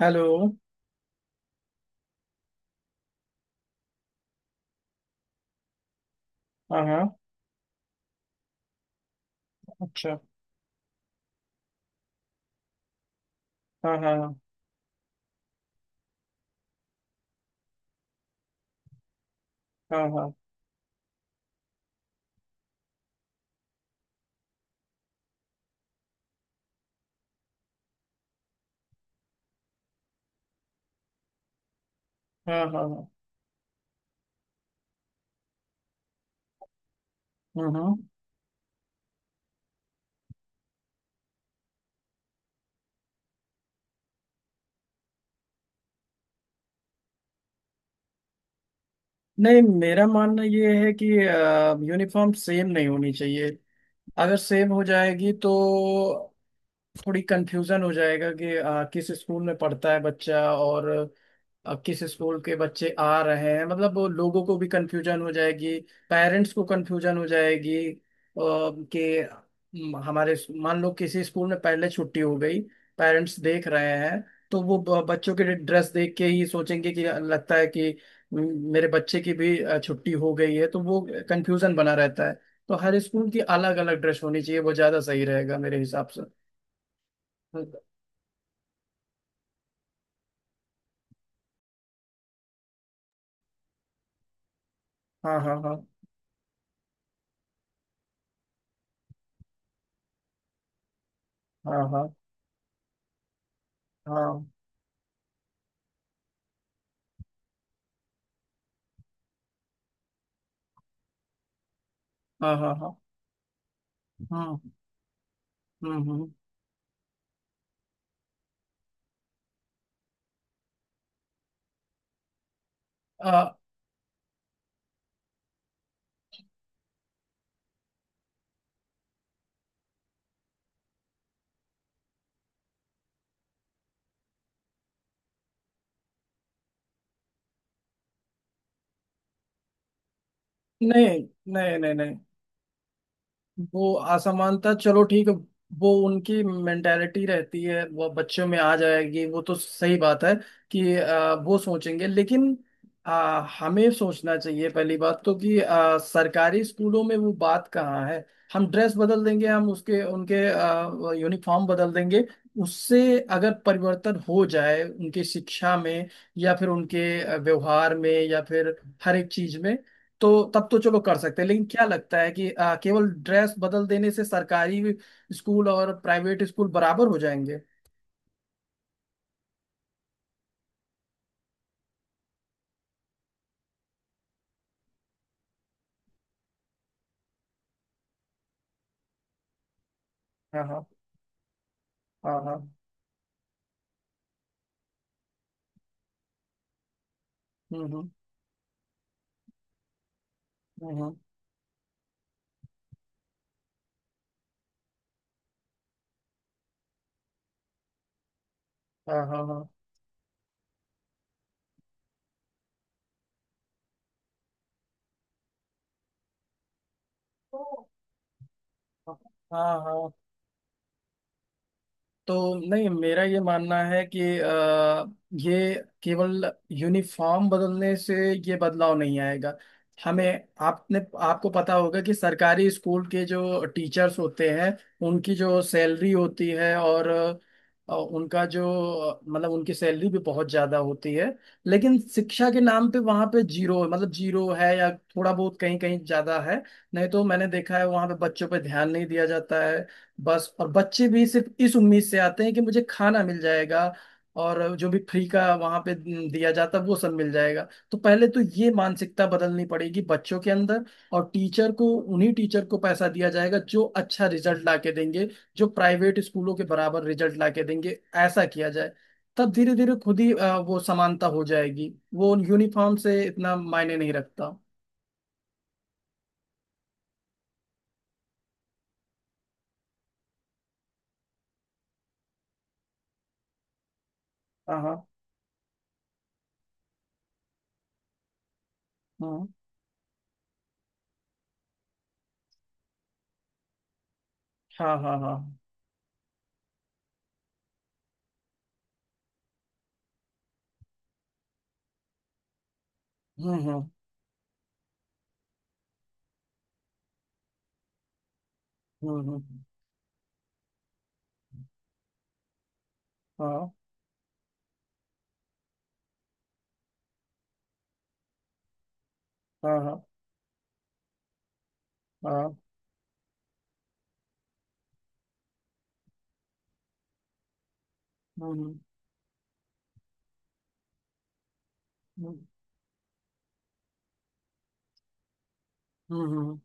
Hello. हाँ हाँ। अच्छा। हाँ हाँ। हाँ हाँ। हाँ हाँ। हाँ हाँ, हम्म हम्म। नहीं, मेरा मानना ये है कि यूनिफॉर्म सेम नहीं होनी चाहिए। अगर सेम हो जाएगी तो थोड़ी कंफ्यूजन हो जाएगा कि किस स्कूल में पढ़ता है बच्चा और अब किस स्कूल के बच्चे आ रहे हैं, मतलब वो लोगों को भी कंफ्यूजन हो जाएगी, पेरेंट्स को कंफ्यूजन हो जाएगी कि हमारे मान लो किसी स्कूल में पहले छुट्टी हो गई, पेरेंट्स देख रहे हैं तो वो बच्चों के ड्रेस देख के ही सोचेंगे कि लगता है कि म, मेरे बच्चे की भी छुट्टी हो गई है तो वो कंफ्यूजन बना रहता है। तो हर स्कूल की अलग अलग ड्रेस होनी चाहिए, वो ज्यादा सही रहेगा मेरे हिसाब से। हाँ हाँ। हाँ हाँ हाँ। हाँ हाँ हाँ। हाँ हाँ, हम्म हम्म। आ, नहीं नहीं नहीं। नहीं, वो असमानता चलो ठीक है। वो उनकी मेंटेलिटी रहती है, वो बच्चों में आ जाएगी, वो तो सही बात है कि वो सोचेंगे, लेकिन हमें सोचना चाहिए पहली बात तो कि सरकारी स्कूलों में वो बात कहाँ है। हम ड्रेस बदल देंगे, हम उसके उनके यूनिफॉर्म बदल देंगे। उससे अगर परिवर्तन हो जाए उनकी शिक्षा में, या फिर उनके व्यवहार में, या फिर हर एक चीज में, तो तब तो चलो कर सकते हैं। लेकिन क्या लगता है कि केवल ड्रेस बदल देने से सरकारी स्कूल और प्राइवेट स्कूल बराबर हो जाएंगे? हाँ हाँ हाँ हाँ। हम्म हम्म हम्म, हाँ हाँ हाँ। हाँ हाँ हाँ। तो नहीं, मेरा ये मानना है कि ये केवल यूनिफॉर्म बदलने से ये बदलाव नहीं आएगा। हमें आपने आपको पता होगा कि सरकारी स्कूल के जो टीचर्स होते हैं, उनकी जो सैलरी होती है, और उनका जो मतलब उनकी सैलरी भी बहुत ज्यादा होती है, लेकिन शिक्षा के नाम पे वहाँ पे जीरो, मतलब जीरो है, या थोड़ा बहुत कहीं कहीं ज्यादा है। नहीं तो मैंने देखा है, वहाँ पे बच्चों पे ध्यान नहीं दिया जाता है बस, और बच्चे भी सिर्फ इस उम्मीद से आते हैं कि मुझे खाना मिल जाएगा और जो भी फ्री का वहां पे दिया जाता है वो सब मिल जाएगा। तो पहले तो ये मानसिकता बदलनी पड़ेगी बच्चों के अंदर। और टीचर को, उन्हीं टीचर को पैसा दिया जाएगा जो अच्छा रिजल्ट ला के देंगे, जो प्राइवेट स्कूलों के बराबर रिजल्ट ला के देंगे। ऐसा किया जाए, तब धीरे धीरे खुद ही वो समानता हो जाएगी। वो यूनिफॉर्म से इतना मायने नहीं रखता। हाँ हाँ हाँ। हाँ हाँ हाँ। हम्म हम्म हम्म हम्म, हाँ हाँ हाँ हाँ। हम्म हम्म हम्म, हम्म,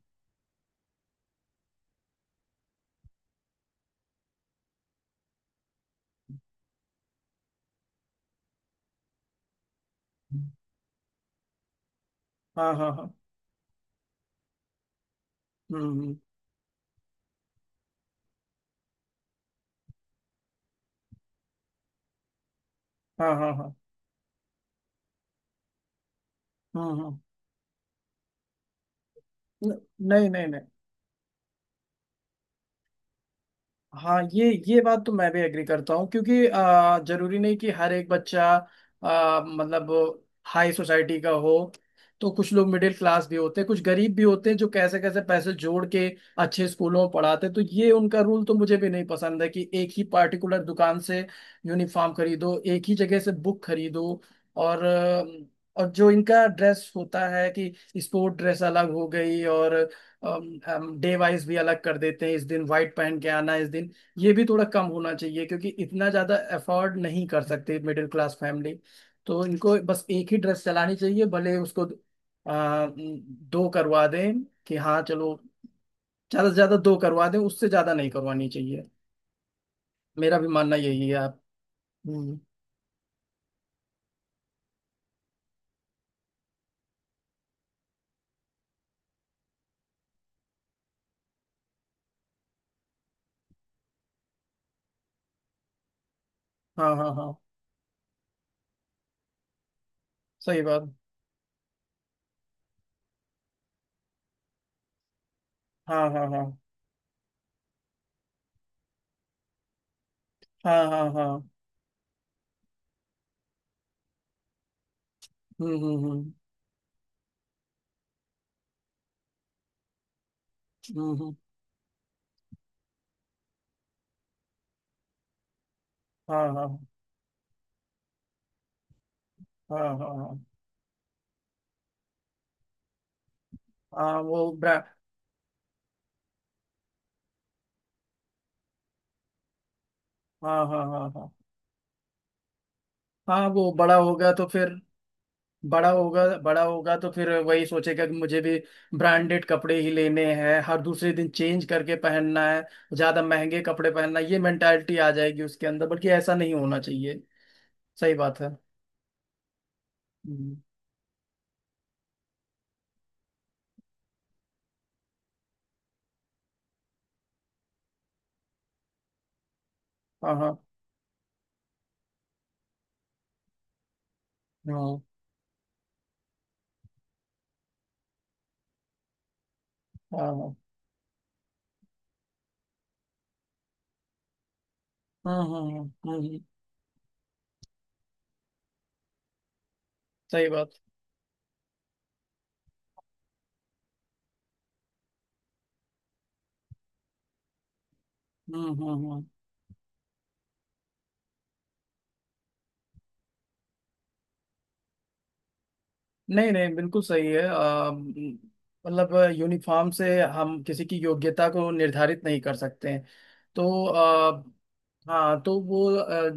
हाँ हाँ हाँ। हम्म हम्म, हाँ हाँ हाँ। हम्म हम्म, न- नहीं नहीं नहीं। हाँ, ये बात तो मैं भी एग्री करता हूँ, क्योंकि जरूरी नहीं कि हर एक बच्चा मतलब हाई सोसाइटी का हो। तो कुछ लोग मिडिल क्लास भी होते हैं, कुछ गरीब भी होते हैं, जो कैसे कैसे पैसे जोड़ के अच्छे स्कूलों में पढ़ाते हैं। तो ये उनका रूल तो मुझे भी नहीं पसंद है कि एक ही पार्टिकुलर दुकान से यूनिफॉर्म खरीदो, एक ही जगह से बुक खरीदो। और अ, और जो इनका ड्रेस होता है कि स्पोर्ट ड्रेस अलग हो गई, और हम डे वाइज भी अलग कर देते हैं, इस दिन व्हाइट पहन के आना, इस दिन— ये भी थोड़ा कम होना चाहिए, क्योंकि इतना ज्यादा अफोर्ड नहीं कर सकते मिडिल क्लास फैमिली। तो इनको बस एक ही ड्रेस चलानी चाहिए, भले उसको दो करवा दें कि हाँ चलो, ज्यादा से ज्यादा दो करवा दें, उससे ज्यादा नहीं करवानी चाहिए। मेरा भी मानना यही है आप। हम्म। हाँ हाँ हाँ, सही बात। हाँ हाँ हाँ। हाँ हाँ हाँ। हम्म हम्म हम्म हम्म, हम्म, हाँ हाँ हाँ। हाँ हाँ हाँ। वो ब्रा हाँ हाँ हाँ हाँ हाँ। वो बड़ा होगा तो फिर बड़ा होगा तो फिर वही सोचेगा कि मुझे भी ब्रांडेड कपड़े ही लेने हैं, हर दूसरे दिन चेंज करके पहनना है, ज्यादा महंगे कपड़े पहनना है। ये मेंटालिटी आ जाएगी उसके अंदर, बल्कि ऐसा नहीं होना चाहिए। सही बात है। हम्म, हाँ हाँ हाँ हाँ हाँ हाँ, हाँ, हाँ, सही बात। हम्म हम्म हम्म। नहीं नहीं, बिल्कुल सही है। मतलब यूनिफॉर्म से हम किसी की योग्यता को निर्धारित नहीं कर सकते हैं, तो। हाँ, तो वो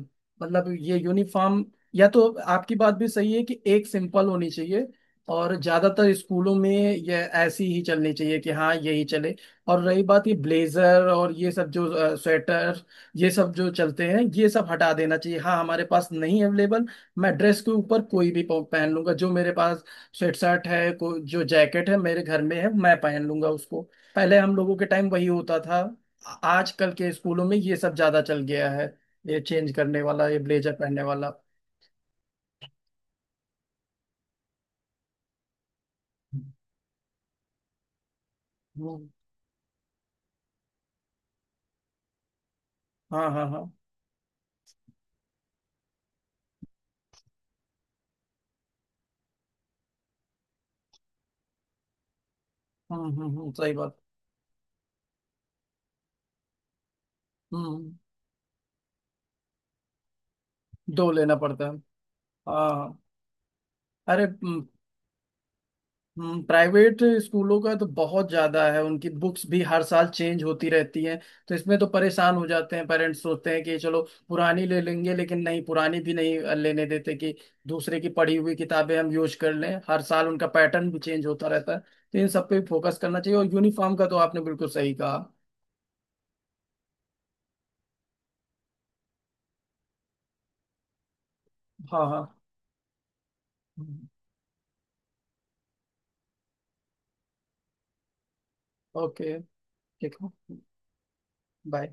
मतलब ये यूनिफॉर्म, या तो— आपकी बात भी सही है कि एक सिंपल होनी चाहिए, और ज्यादातर स्कूलों में ये ऐसी ही चलनी चाहिए, कि हाँ यही चले। और रही बात ये ब्लेजर और ये सब जो स्वेटर, ये सब जो चलते हैं, ये सब हटा देना चाहिए। हाँ, हमारे पास नहीं अवेलेबल, मैं ड्रेस के ऊपर कोई भी पहन लूंगा, जो मेरे पास स्वेट शर्ट है जो जैकेट है मेरे घर में है, मैं पहन लूंगा उसको। पहले हम लोगों के टाइम वही होता था, आजकल के स्कूलों में ये सब ज्यादा चल गया है, ये चेंज करने वाला, ये ब्लेजर पहनने वाला। हम्म, हाँ हाँ हाँ। सही बात। हम्म, दो लेना पड़ता है। हाँ। अरे। प्राइवेट स्कूलों का तो बहुत ज्यादा है, उनकी बुक्स भी हर साल चेंज होती रहती हैं। तो इसमें तो परेशान हो जाते हैं पेरेंट्स, सोचते हैं कि चलो पुरानी ले लेंगे, लेकिन नहीं, पुरानी भी नहीं लेने देते, कि दूसरे की पढ़ी हुई किताबें हम यूज कर लें। हर साल उनका पैटर्न भी चेंज होता रहता है, तो इन सब पे फोकस करना चाहिए। और यूनिफॉर्म का तो आपने बिल्कुल सही कहा। हाँ हाँ। ओके। ठीक है। बाय।